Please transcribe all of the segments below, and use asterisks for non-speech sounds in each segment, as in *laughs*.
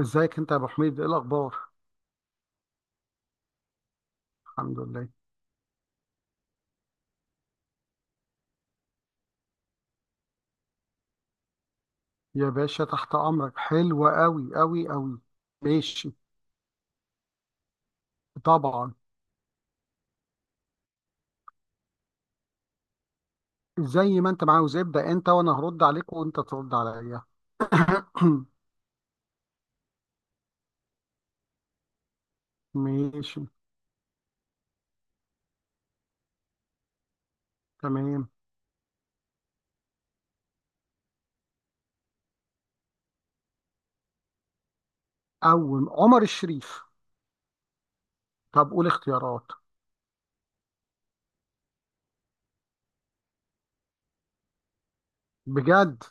ازيك انت يا ابو حميد؟ ايه الاخبار؟ الحمد لله. يا باشا، تحت امرك. حلوة قوي قوي قوي. ماشي. طبعا. زي ما انت عاوز، ابدا انت وانا هرد عليك وانت ترد عليا. *coughs* ماشي. تمام. اول عمر الشريف. طب قول اختيارات. بجد.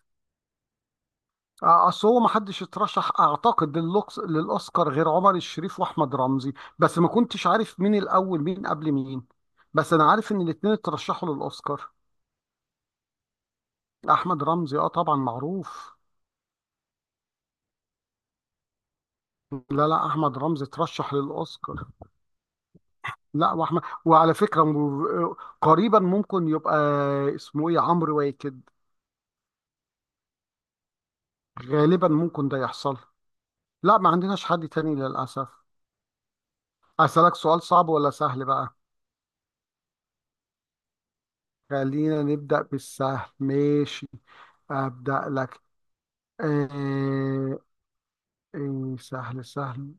اصل هو ما حدش اترشح، اعتقد، للاوسكار غير عمر الشريف واحمد رمزي. بس ما كنتش عارف مين الاول، مين قبل مين. بس انا عارف ان الاتنين اترشحوا للاوسكار. احمد رمزي، اه طبعا معروف. لا، لا، احمد رمزي ترشح للاوسكار. لا، واحمد، وعلى فكره قريبا ممكن يبقى اسمه ايه عمرو واكد. غالبا ممكن ده يحصل. لا، ما عندناش حد تاني للاسف. اسالك سؤال صعب ولا سهل بقى؟ خلينا نبدا بالسهل، ماشي. ابدا لك. آه. آه، سهل سهل.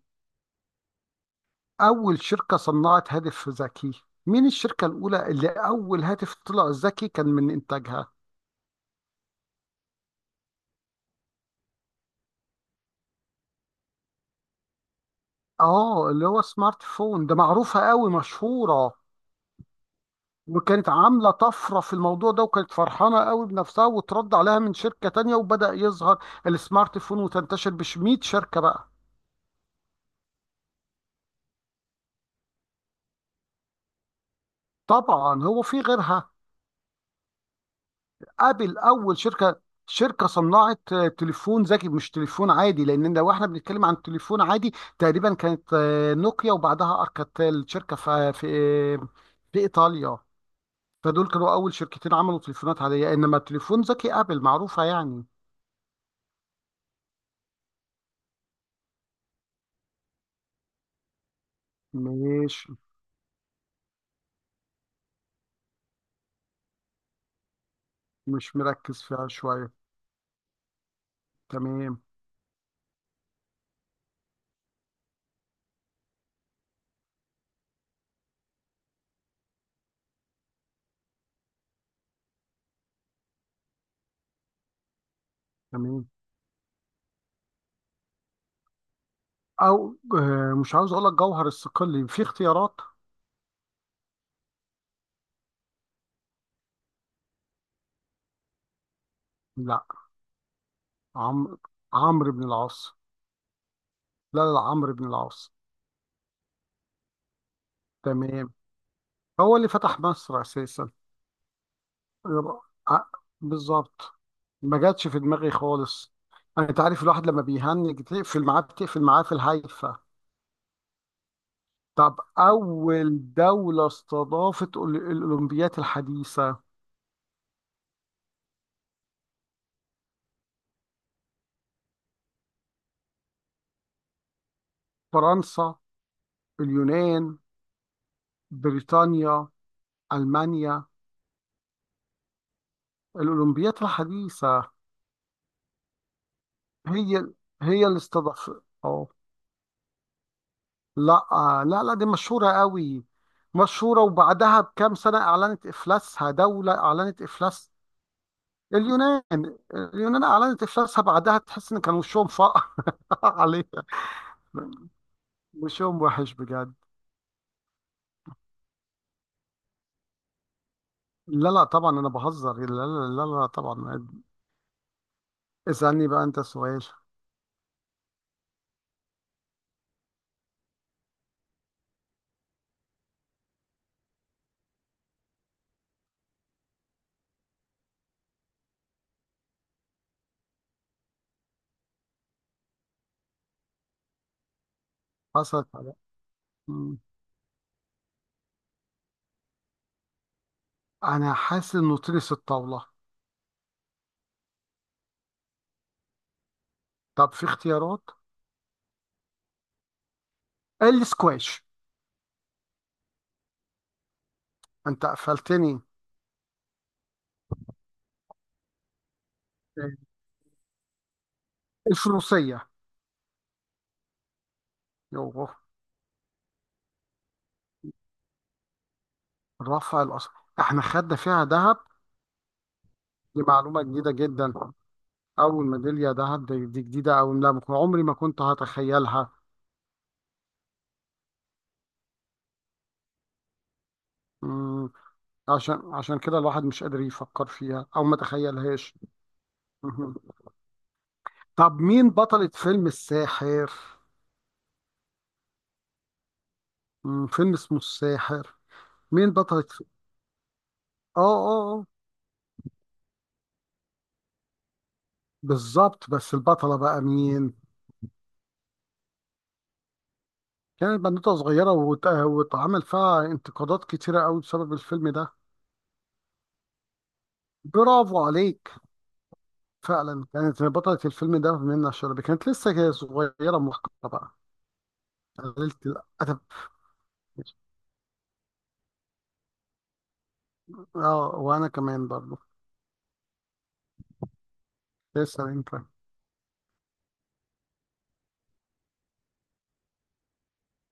اول شركه صنعت هاتف ذكي. مين الشركه الاولى اللي اول هاتف طلع ذكي كان من انتاجها؟ اه، اللي هو سمارت فون ده معروفة قوي، مشهورة. وكانت عاملة طفرة في الموضوع ده، وكانت فرحانة قوي بنفسها، وترد عليها من شركة تانية، وبدأ يظهر السمارت فون وتنتشر بش 100 شركة بقى. طبعا هو في غيرها. ابل اول شركة. شركة صنعت تليفون ذكي، مش تليفون عادي. لان لو احنا بنتكلم عن تليفون عادي تقريبا كانت نوكيا، وبعدها اركاتيل، شركة في ايطاليا. فدول كانوا اول شركتين عملوا تليفونات عاديه، انما تليفون ذكي ابل معروفه يعني. مش مش مركز فيها شويه. تمام، تمام. او مش عاوز اقول لك جوهر الصقلي. في اختيارات؟ لا، عمرو عمرو بن العاص. لا، لا، لا، عمرو بن العاص. تمام. هو اللي فتح مصر اساسا. يبقى- آه، بالظبط. ما جاتش في دماغي خالص. انت عارف الواحد لما بيهنج، تقفل معاه بتقفل معاه في الهايفه. طب أول دولة استضافت الأولمبيات الحديثة؟ فرنسا. اليونان. بريطانيا. ألمانيا. الأولمبيات الحديثة. هي هي اللي استضافت، اه. لا، لا، لا، دي مشهورة قوي. مشهورة، وبعدها بكام سنة أعلنت إفلاسها، دولة أعلنت إفلاس. اليونان. اليونان أعلنت إفلاسها بعدها، تحس إن كان وشهم فقع. *laughs* عليها. وشهم وحش بجد. لا، لا، طبعا انا بهزر. لا، لا، لا، لا، طبعا. اسألني بقى انت سؤال. حصلت على. مم. انا حاسس انه تنس الطاولة. طب في اختيارات؟ السكواش. انت قفلتني. إيه. الفروسية. يوه. رفع الأصل. احنا خدنا فيها ذهب. دي معلومة جديدة جدا. أول ميدالية ذهب دي جديدة. أو لا، عمري ما كنت هتخيلها. مم. عشان كده الواحد مش قادر يفكر فيها أو ما تخيلهاش. مهم. طب مين بطلة فيلم الساحر؟ فيلم اسمه الساحر. مين بطلة؟ اه، اه، اه. بالظبط، بس البطلة بقى مين؟ كانت بنوتة صغيرة واتعمل فيها انتقادات كتيرة قوي بسبب الفيلم ده. برافو عليك. فعلا كانت بطلة الفيلم ده منة شلبي، كانت لسه كده صغيرة محقرة بقى. قللت الأدب. اه، وأنا كمان برضه. اسأل أنت.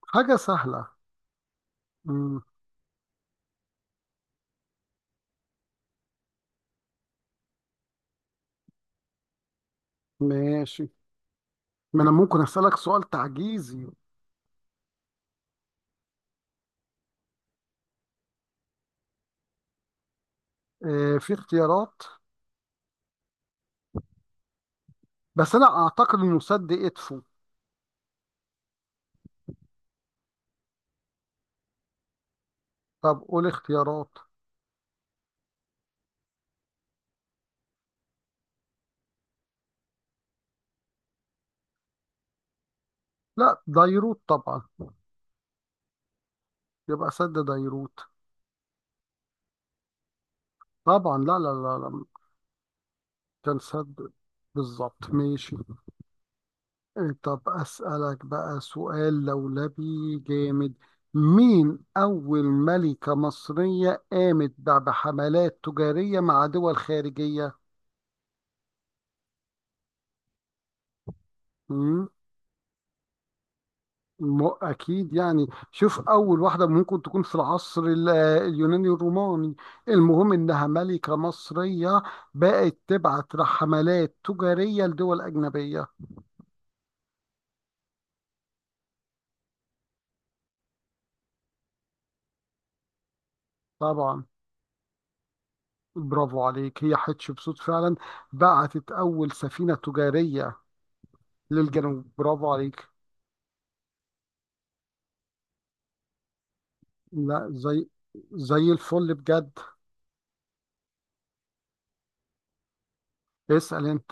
حاجة سهلة. مم. ماشي. ما أنا ممكن أسألك سؤال تعجيزي. في اختيارات؟ بس أنا أعتقد إنه سد إدفو. طب قول اختيارات. لا، ديروت طبعا. يبقى سد ديروت. طبعا، لا، لا، لا، لا. كان سد. بالظبط، ماشي. إيه، طب أسألك بقى سؤال لولبي. جامد. مين أول ملكة مصرية قامت بحملات تجارية مع دول خارجية؟ مم؟ أكيد يعني. شوف، أول واحدة ممكن تكون في العصر اليوناني الروماني. المهم إنها ملكة مصرية. بقت تبعت حملات تجارية لدول أجنبية. طبعا. برافو عليك، هي حتشبسوت فعلا. بعتت أول سفينة تجارية للجنوب، برافو عليك. لا، زي الفل بجد. اسأل أنت.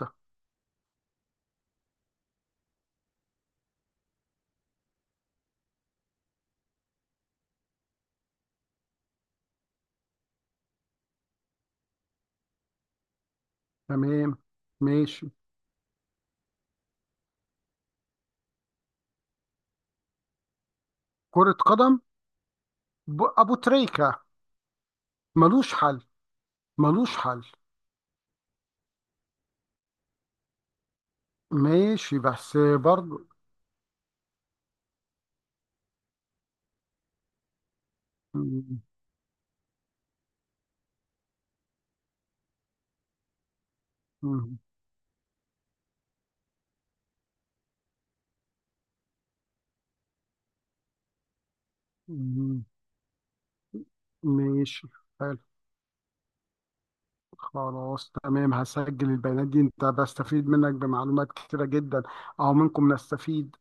تمام. ماشي. كرة قدم. أبو تريكة. ملوش حل. ملوش حل. ماشي، بس برضو. م- م- م- ماشي. حلو. خلاص، تمام، هسجل البيانات دي. انت بستفيد منك بمعلومات كتيرة جدا. اهو منكم نستفيد.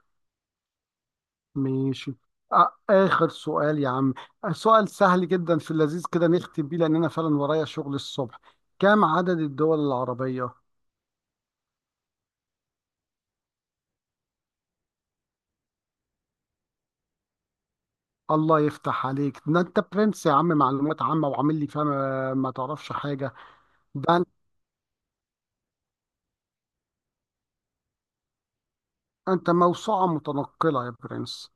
ماشي. آخر سؤال يا عم. سؤال سهل جدا في اللذيذ كده نختم بيه، لأن أنا فعلا ورايا شغل الصبح. كم عدد الدول العربية؟ الله يفتح عليك، ده أنت برنس يا عم، معلومات عامة. وعامل لي فاهم، ما تعرفش حاجة. ده أنت موسوعة متنقلة يا برنس.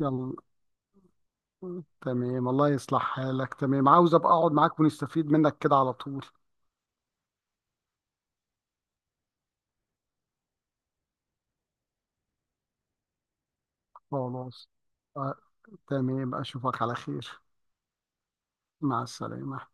يلا. تمام، الله يصلح حالك. تمام، عاوز أبقى أقعد معاك ونستفيد منك كده على طول. خلاص. آه، تمام، أشوفك على خير. مع السلامة.